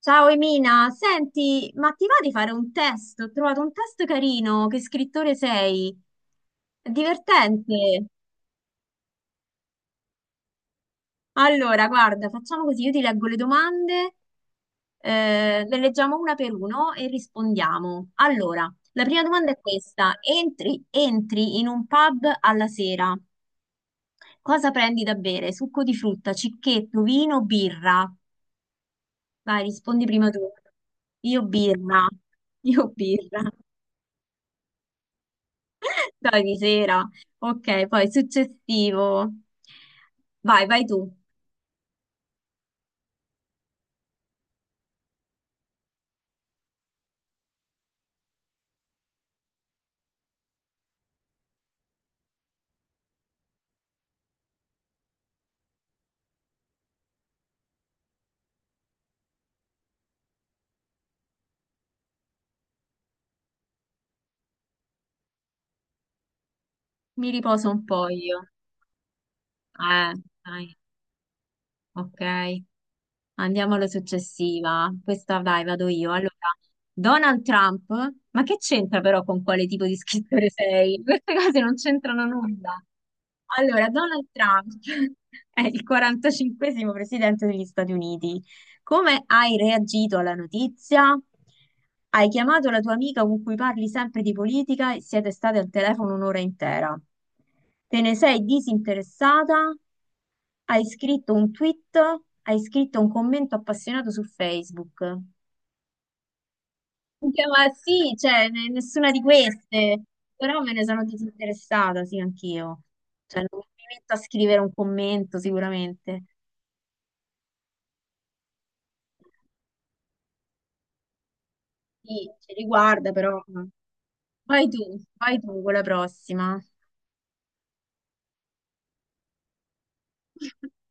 Ciao Emina, senti, ma ti va di fare un test? Ho trovato un test carino, che scrittore sei? È divertente. Allora, guarda, facciamo così, io ti leggo le domande, le leggiamo una per uno e rispondiamo. Allora, la prima domanda è questa. Entri in un pub alla sera, cosa prendi da bere? Succo di frutta, cicchetto, vino, birra? Vai, rispondi prima tu. Io birra, io birra. Dai, di sera. Ok, poi successivo. Vai, vai tu. Mi riposo un po' io. Eh, dai, ok. Andiamo alla successiva. Questa, dai, vado io. Allora, Donald Trump, ma che c'entra però con quale tipo di scrittore sei? Queste cose non c'entrano nulla. Allora, Donald Trump è il 45esimo presidente degli Stati Uniti. Come hai reagito alla notizia? Hai chiamato la tua amica con cui parli sempre di politica e siete state al telefono un'ora intera. Te ne sei disinteressata? Hai scritto un tweet? Hai scritto un commento appassionato su Facebook? Minchia, ma sì, cioè, nessuna di queste, però me ne sono disinteressata, sì, anch'io. Cioè, non mi metto a scrivere un commento sicuramente. Sì, ci riguarda, però. No. Vai tu, con la prossima.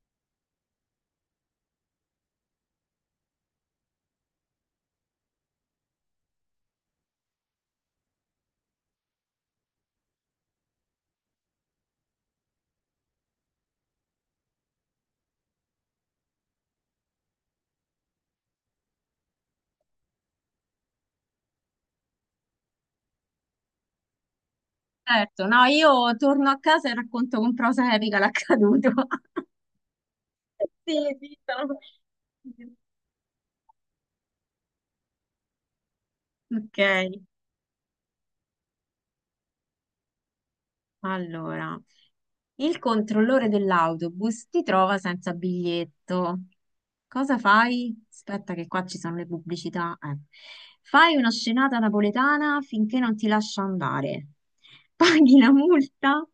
Certo, no, io torno a casa e racconto con prosa epica l'accaduto. Sì, esistono. Ok. Allora, il controllore dell'autobus ti trova senza biglietto. Cosa fai? Aspetta che qua ci sono le pubblicità. Fai una scenata napoletana finché non ti lascia andare. Paghi la multa,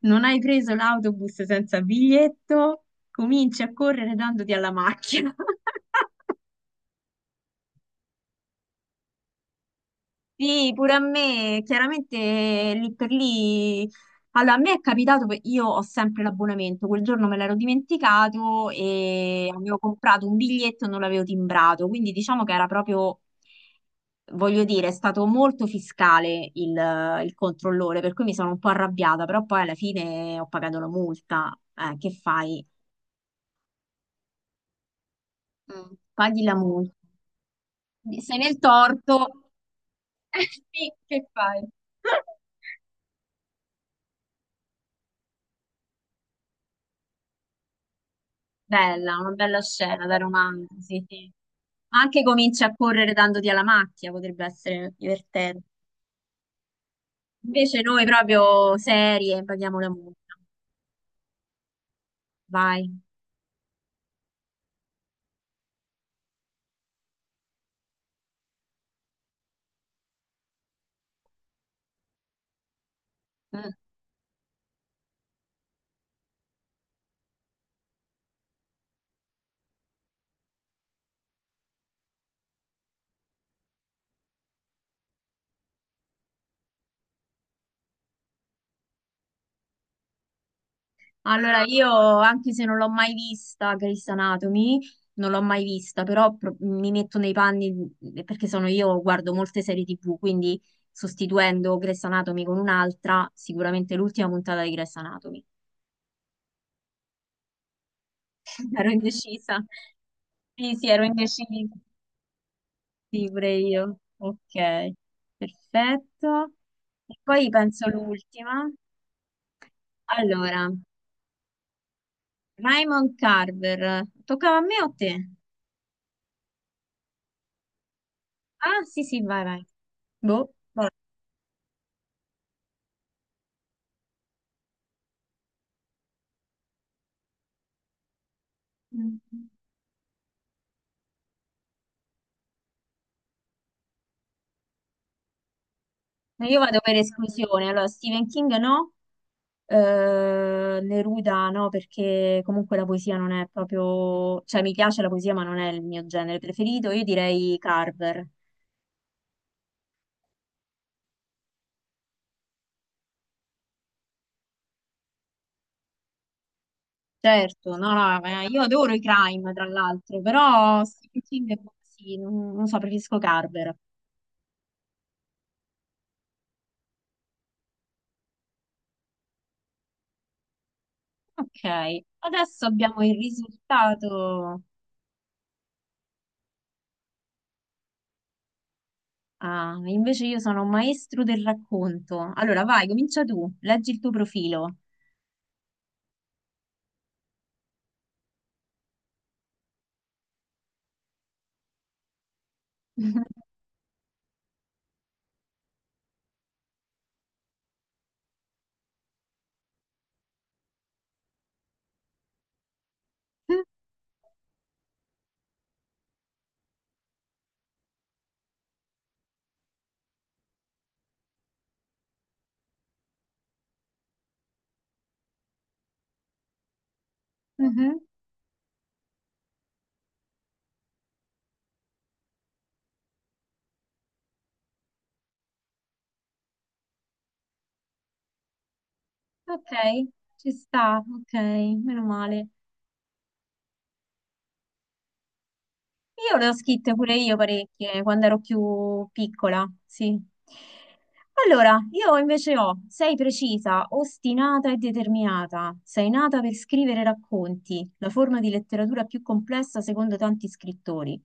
non hai preso l'autobus senza biglietto, cominci a correre dandoti alla macchina. Sì, pure a me, chiaramente lì per lì. Allora, a me è capitato, che io ho sempre l'abbonamento, quel giorno me l'ero dimenticato e avevo comprato un biglietto e non l'avevo timbrato, quindi diciamo che era proprio, voglio dire, è stato molto fiscale il controllore, per cui mi sono un po' arrabbiata, però poi alla fine ho pagato la multa. Che fai? Mm. Paghi la multa. Sei nel torto. Sì, che fai? Bella, una bella scena da romanzo, sì, sì. Ma anche cominci a correre dandoti alla macchia, potrebbe essere divertente. Invece noi proprio serie, paghiamo la multa. Vai. Mm. Allora, io, anche se non l'ho mai vista, Grey's Anatomy, non l'ho mai vista, però mi metto nei panni, perché sono io, guardo molte serie TV, quindi sostituendo Grey's Anatomy con un'altra, sicuramente l'ultima puntata di Grey's Anatomy. Ero indecisa. Sì, sì, ero indecisa. Sì, pure io. Ok, perfetto. E poi penso l'ultima. Allora, Raymond Carver. Toccava a me o a te? Ah, sì, sì, vai, vai. Boh, vai. Mm. Io vado per esclusione. Allora, Stephen King no, Neruda no, perché comunque la poesia non è proprio... Cioè, mi piace la poesia, ma non è il mio genere preferito. Io direi Carver. Certo, no, no, ma io adoro i crime, tra l'altro, però Stephen King è così, non so, preferisco Carver. Ok, adesso abbiamo il risultato. Ah, invece io sono un maestro del racconto. Allora, vai, comincia tu, leggi il tuo profilo. Mhm, mhm, ok, ci sta, ok, meno male. Io le ho scritte pure io parecchie quando ero più piccola, sì. Allora, io invece ho, sei precisa, ostinata e determinata, sei nata per scrivere racconti, la forma di letteratura più complessa secondo tanti scrittori.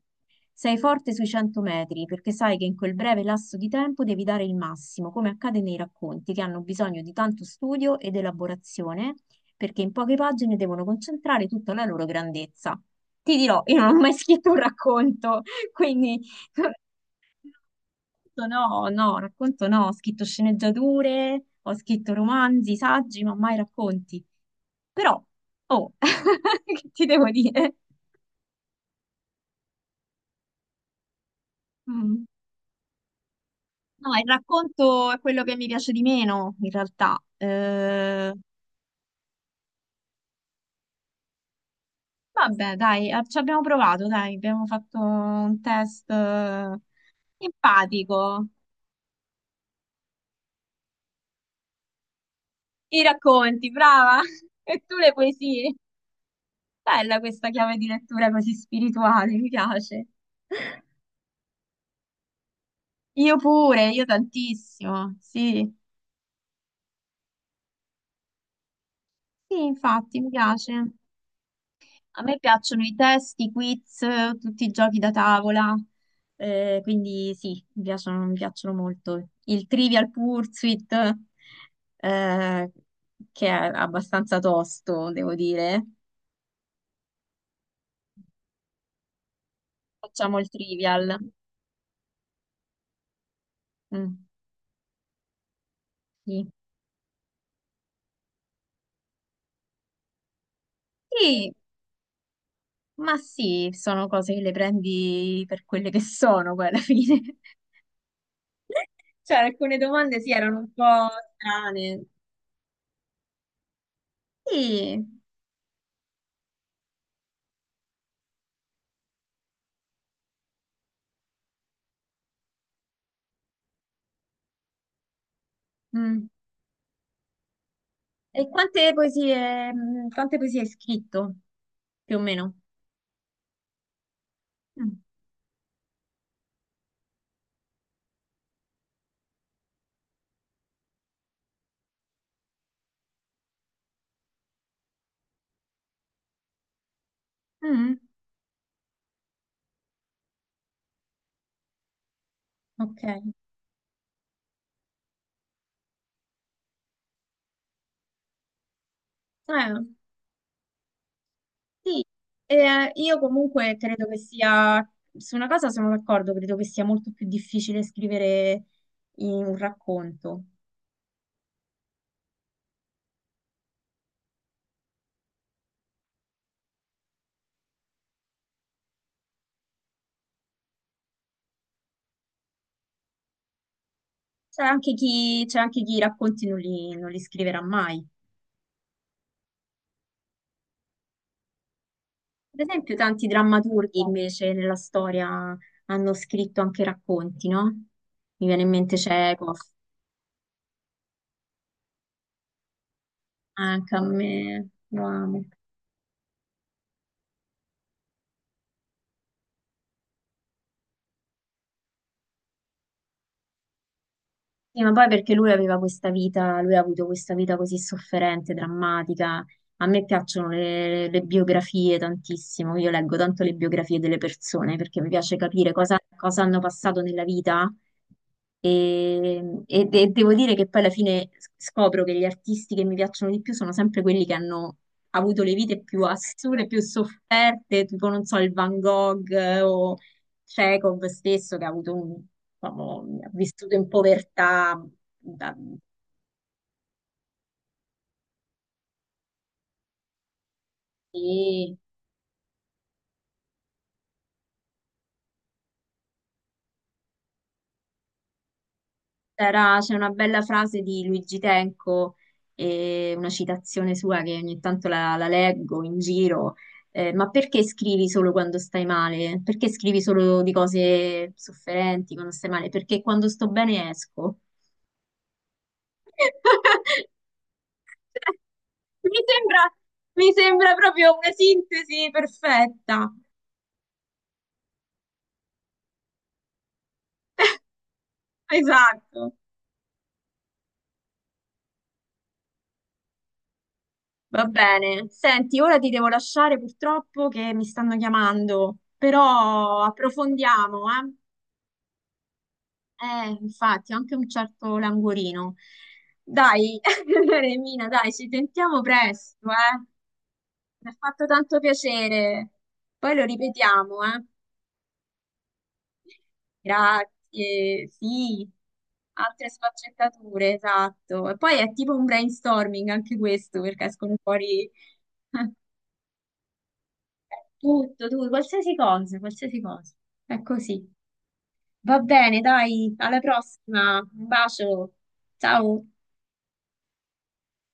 Sei forte sui 100 metri perché sai che in quel breve lasso di tempo devi dare il massimo, come accade nei racconti che hanno bisogno di tanto studio ed elaborazione perché in poche pagine devono concentrare tutta la loro grandezza. Ti dirò, io non ho mai scritto un racconto, quindi racconto no, no, racconto no, ho scritto sceneggiature, ho scritto romanzi, saggi, ma mai racconti. Però, oh, che ti devo dire? Mm. No, il racconto è quello che mi piace di meno, in realtà. Vabbè, dai, ah, ci abbiamo provato, dai, abbiamo fatto un test empatico. I racconti, brava! E tu le poesie. Bella questa chiave di lettura così spirituale, mi piace. Io pure, io tantissimo, sì. Sì, infatti, mi piace. A me piacciono i testi, i quiz, tutti i giochi da tavola, quindi sì, mi piacciono molto. Il Trivial Pursuit, eh, che è abbastanza tosto, devo dire. Facciamo il Trivial. Mm, sì. Sì, ma sì, sono cose che le prendi per quelle che sono, poi alla fine. Cioè, alcune domande sì, erano un po' strane. Sì. Mm. E quante poesie hai scritto, più o meno? Mm. Mm. Ok. Sì. Io comunque credo che sia, su una cosa sono d'accordo, credo che sia molto più difficile scrivere in un racconto. C'è anche chi i racconti non li scriverà mai. Per esempio, tanti drammaturghi invece nella storia hanno scritto anche racconti, no? Mi viene in mente Chekhov, anche a me, lo amo. Sì, ma poi perché lui aveva questa vita, lui ha avuto questa vita così sofferente, drammatica. A me piacciono le biografie tantissimo, io leggo tanto le biografie delle persone perché mi piace capire cosa, cosa hanno passato nella vita e devo dire che poi alla fine scopro che gli artisti che mi piacciono di più sono sempre quelli che hanno avuto le vite più assurde, più sofferte, tipo non so, il Van Gogh o Chekhov stesso che ha avuto diciamo, ha vissuto in povertà. da- e C'è una bella frase di Luigi Tenco, e una citazione sua che ogni tanto la, la leggo in giro. Ma perché scrivi solo quando stai male? Perché scrivi solo di cose sofferenti quando stai male? Perché quando sto bene esco. Mi sembra, mi sembra proprio una sintesi perfetta. Esatto. Va bene, senti, ora ti devo lasciare purtroppo che mi stanno chiamando, però approfondiamo, eh? Infatti, ho anche un certo languorino. Dai, Remina, dai, ci sentiamo presto, eh? Mi ha fatto tanto piacere. Poi lo ripetiamo, eh? Grazie, sì, altre sfaccettature, esatto. E poi è tipo un brainstorming anche questo, perché escono fuori... Tutto, tutto, qualsiasi cosa, qualsiasi cosa. È così. Va bene, dai, alla prossima. Un bacio. Ciao.